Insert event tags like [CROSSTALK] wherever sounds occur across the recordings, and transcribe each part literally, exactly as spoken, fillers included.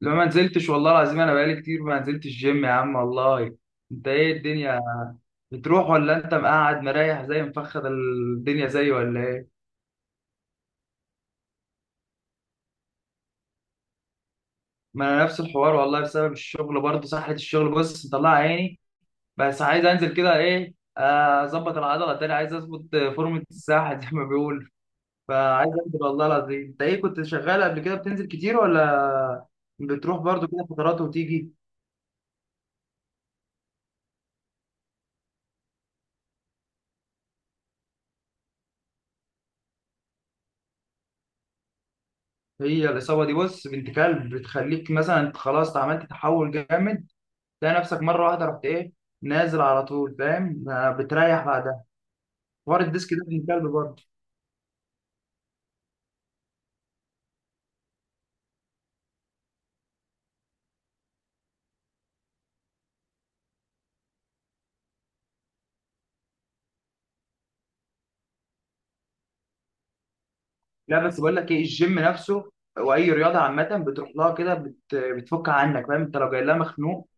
لا، ما نزلتش والله العظيم، انا بقالي كتير ما نزلتش جيم يا عم والله. انت ايه الدنيا؟ بتروح ولا انت مقعد مريح زي مفخد الدنيا زي ولا ايه؟ ما انا نفس الحوار والله، بسبب الشغل برضه سحلة الشغل، بص مطلع عيني. بس عايز انزل كده، ايه آه، اظبط العضله تاني، عايز اظبط فورمه الساحه [LAUGHS] زي ما بيقول. فعايز انزل والله العظيم. انت ايه، كنت شغال قبل كده بتنزل كتير ولا بتروح برضه كده فترات وتيجي؟ هي الإصابة دي بص بنت كلب، بتخليك مثلا أنت خلاص عملت تحول جامد، تلاقي نفسك مره واحده رحت ايه، نازل على طول، فاهم؟ ما بتريح بعدها. حوار الديسك ده من كلب برضه. لا بس بقول لك ايه، الجيم نفسه واي رياضه عامه بتروح لها كده بت... بتفك عنك، فاهم؟ انت لو جاي لها مخنوق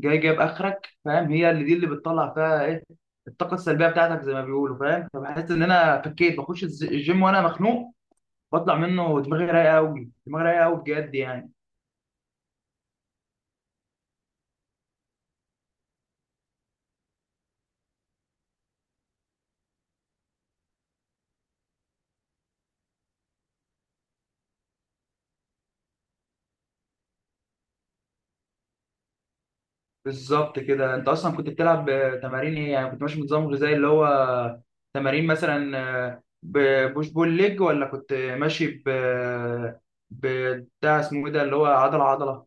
جاي جايب اخرك، فاهم؟ هي اللي دي اللي بتطلع فيها ايه، الطاقه السلبيه بتاعتك زي ما بيقولوا، فاهم؟ فبحس ان انا فكيت. بخش الز- الجيم وانا مخنوق، بطلع منه دماغي رايقه قوي، دماغي رايقه قوي بجد يعني. بالظبط كده. انت اصلا كنت بتلعب آه، تمارين ايه يعني؟ كنت ماشي بنظام غذائي اللي هو تمارين مثلا آه، ببوش بول ليج، ولا كنت ماشي ب بتاع اسمه ايه ده، اللي هو عضله عضله؟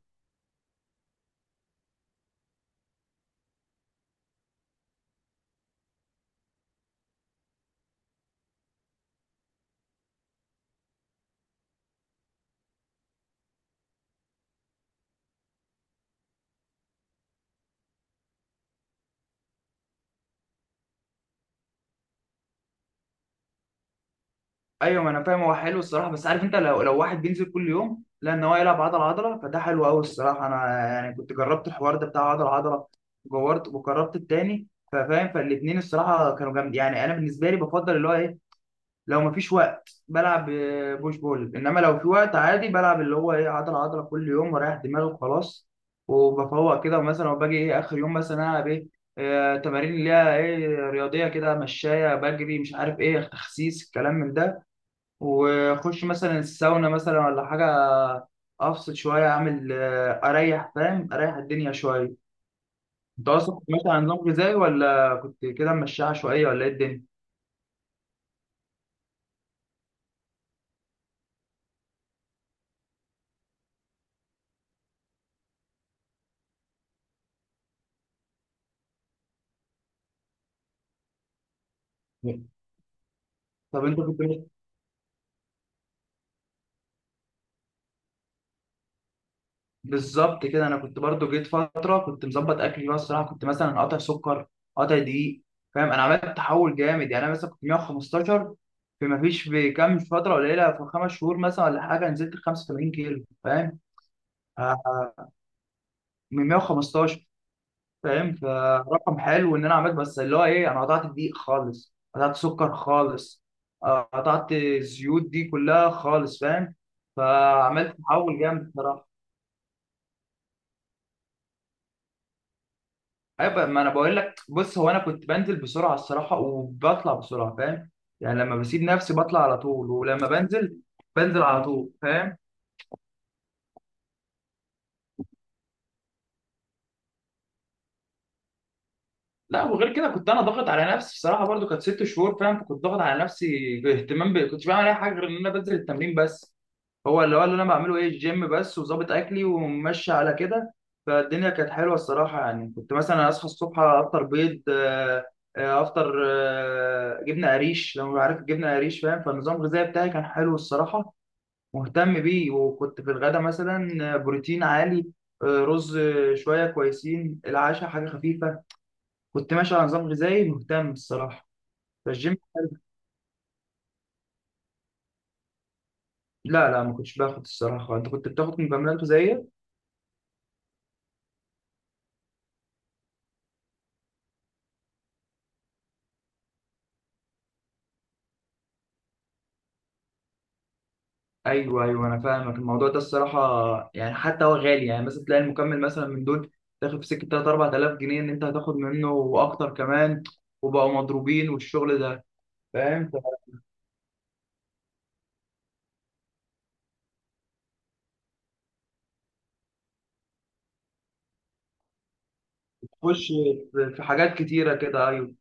ايوه، ما انا فاهم. هو حلو الصراحه، بس عارف انت، لو لو واحد بينزل كل يوم، لا ان هو يلعب عضله عضله، فده حلو قوي الصراحه. انا يعني كنت جربت الحوار ده بتاع عضله عضله، وجربت وجربت التاني، ففاهم. فالاثنين الصراحه كانوا جامد يعني. انا بالنسبه لي بفضل اللي هو ايه، لو مفيش وقت بلعب آه، بوش بول، انما لو في وقت عادي بلعب اللي هو ايه، عضله عضله كل يوم ورايح دماغي وخلاص. وبفوق كده ومثلا وباجي ايه اخر يوم مثلا، العب ايه آه، تمارين اللي هي ايه، رياضيه كده، مشايه، بجري، مش عارف ايه، تخسيس، الكلام من ده. واخش مثلا الساونا مثلا ولا حاجه، افصل شويه، اعمل آه، اريح، فاهم؟ اريح الدنيا شويه. انت اصلا كنت ماشي على نظام غذائي ولا كنت كده ماشي عشوائيه ولا ايه الدنيا؟ طب انت كنت. بالظبط كده. انا كنت برضو جيت فتره كنت مظبط اكلي، بقى الصراحه كنت مثلا قاطع سكر، قاطع دقيق، فاهم. انا عملت تحول جامد يعني. انا مثلا كنت مية وخمستاشر، في ما فيش في كام فتره قليله، في خمس شهور مثلا ولا حاجه، نزلت خمسة وتمانين كيلو، فاهم؟ آه، من مية وخمستاشر، فاهم؟ فرقم حلو ان انا عملت. بس اللي هو ايه، انا قطعت الدقيق خالص، قطعت سكر خالص آه، قطعت الزيوت دي كلها خالص، فاهم؟ فعملت تحول جامد. ايوه بقى- ما انا بقول لك، بص هو انا كنت بنزل بسرعه الصراحه، وبطلع بسرعه، فاهم؟ يعني لما بسيب نفسي بطلع على طول، ولما بنزل بنزل على طول، فاهم؟ لا وغير كده كنت انا ضاغط على نفسي الصراحه برضو، كانت ست شهور، فاهم؟ فكنت ضاغط على نفسي، اهتمام ب... كنتش بعمل اي حاجه غير ان انا بنزل التمرين بس. هو اللي هو اللي انا بعمله ايه، الجيم بس، وظابط اكلي وماشي على كده. فالدنيا كانت حلوه الصراحه. يعني كنت مثلا اصحى الصبح، افطر بيض آه، آه، افطر آه، جبنه قريش، لو عارف الجبنه قريش، فاهم؟ فالنظام الغذائي بتاعي كان حلو الصراحه، مهتم بيه. وكنت في الغدا مثلا بروتين عالي آه، رز، شويه كويسين، العشاء حاجه خفيفه. كنت ماشي على نظام غذائي مهتم الصراحه. فالجيم. لا لا، ما كنتش باخد الصراحه. انت كنت بتاخد؟ من بمرنته زيي. ايوه ايوه، انا فاهمك الموضوع ده الصراحه. يعني حتى هو غالي، يعني مثلا تلاقي المكمل مثلا من دول تاخد في سكه تلاتة اربعة الاف جنيه، ان انت هتاخد منه واكتر كمان، وبقوا مضروبين والشغل ده، فاهم؟ فبتخش في في حاجات كتيره كده، ايوه.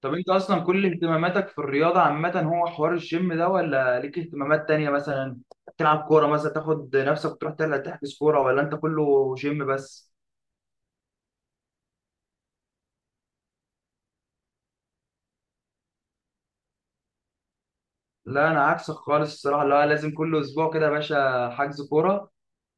طب انت اصلا كل اهتماماتك في الرياضه عامه هو حوار الجيم ده، ولا ليك اهتمامات تانية مثلا تلعب كوره مثلا، تاخد نفسك تروح تلعب تحجز كوره، ولا انت كله جيم بس؟ لا انا عكسك خالص الصراحه. لا، لازم كل اسبوع كده يا باشا حجز كوره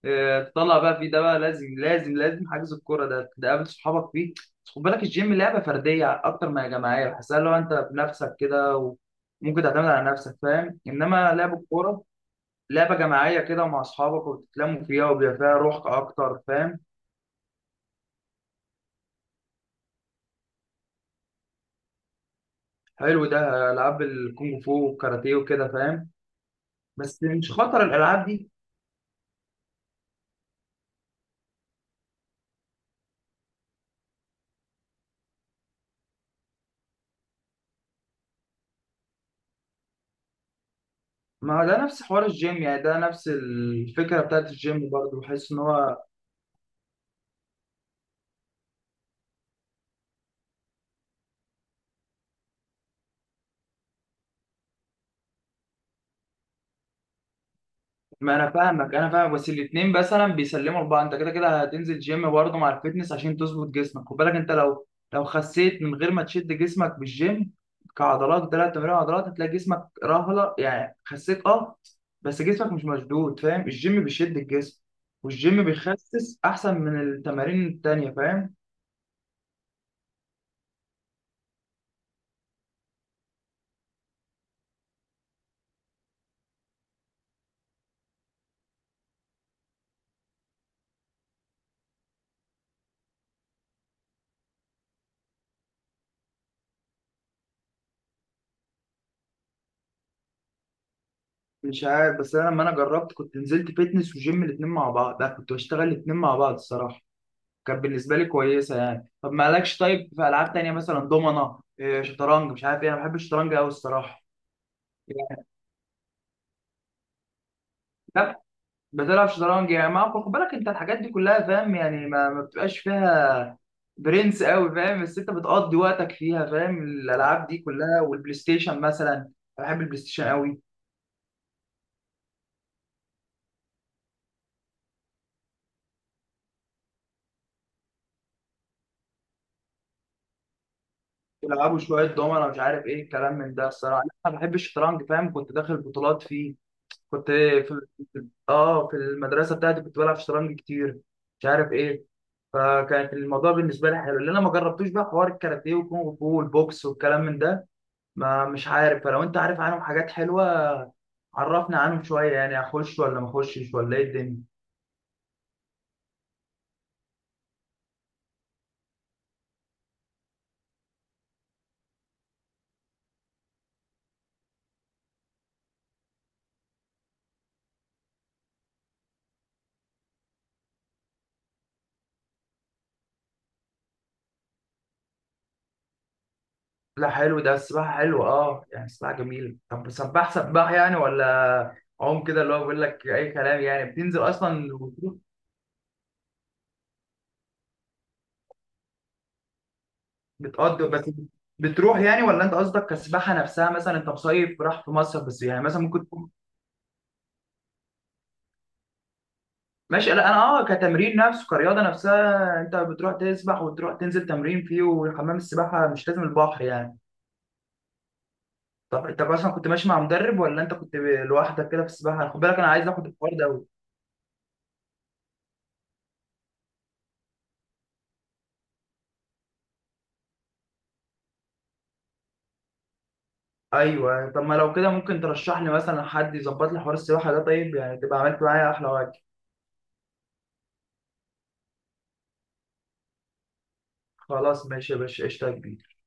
آه، تطلع بقى فيه، ده بقى لازم لازم لازم، حجز الكوره ده تقابل صحابك فيه. بس خد بالك، الجيم لعبه فرديه اكتر ما هي جماعيه بحسها، لو انت بنفسك كده وممكن تعتمد على نفسك، فاهم؟ انما لعب الكوره لعبه جماعيه كده مع اصحابك، وبتتلموا فيها وبيبقى فيها روح اكتر، فاهم؟ حلو ده، العاب الكونغ فو والكاراتيه وكده، فاهم؟ بس مش خطر الالعاب دي. ما هو ده نفس حوار الجيم يعني، ده نفس الفكره بتاعت الجيم برضه، بحس ان هو. ما انا فاهمك، انا فاهمك، بس الاثنين مثلا بيسلموا لبعض. انت كده كده هتنزل جيم برضه مع الفيتنس عشان تظبط جسمك. خد بالك انت، لو لو خسيت من غير ما تشد جسمك بالجيم كعضلات، ثلاث تمارين عضلات، هتلاقي جسمك رهله يعني، خسيت اه بس جسمك مش مشدود، فاهم؟ الجيم بيشد الجسم، والجيم بيخسس احسن من التمارين التانية، فاهم؟ مش عارف، بس انا لما انا جربت كنت نزلت فيتنس وجيم الاثنين مع بعض. لا كنت بشتغل الاثنين مع بعض الصراحه، كانت بالنسبه لي كويسه يعني. طب مالكش، طيب في العاب تانية مثلا دومنه، إيه، شطرنج، مش عارف ايه؟ انا بحب الشطرنج قوي الصراحه يعني. لا بتلعب شطرنج يعني، ما خد بالك انت الحاجات دي كلها فاهم يعني، ما, ما بتبقاش فيها برنس قوي، فاهم؟ بس انت بتقضي وقتك فيها، فاهم؟ الالعاب دي كلها، والبلاي ستيشن مثلا، أنا بحب البلاي ستيشن قوي. بيلعبوا شويه دومنه مش عارف ايه الكلام من ده. الصراحه انا بحب الشطرنج، فاهم؟ كنت داخل بطولات فيه. كنت في اه، في المدرسه بتاعتي كنت بلعب شطرنج كتير، مش عارف ايه. فكانت الموضوع بالنسبه لي حلو. اللي انا ما جربتوش بقى حوار الكاراتيه والكونغ فو والبوكس والكلام من ده، ما مش عارف. فلو انت عارف عنهم حاجات حلوه عرفنا عنهم شويه، يعني اخش ولا ما اخشش ولا ايه الدنيا؟ لا حلو ده، السباحه حلوه اه، يعني السباحه جميله. طب سباح سباح يعني، ولا عوم كده، اللي هو بيقول لك اي كلام يعني؟ بتنزل اصلا وبتروح، بتقضي بس، بتروح يعني، ولا انت قصدك كسباحه نفسها؟ مثلا انت مصيف راح في مصر بس يعني، مثلا ممكن. ماشي. لا انا اه، كتمرين نفسه، كرياضه نفسها، انت بتروح تسبح وتروح تنزل تمرين فيه، وحمام السباحه مش لازم البحر يعني. طب انت اصلا كنت ماشي مع مدرب ولا انت كنت ب- لوحدك كده في السباحه؟ خد بالك انا عايز اخد الحوار ده أوي. ايوه، طب ما لو كده ممكن ترشح لي مثلا حد يظبط لي حوار السباحه ده، طيب؟ يعني تبقى عملت معايا احلى واجب. خلاص ماشي يا باشا، قشطه يا كبير.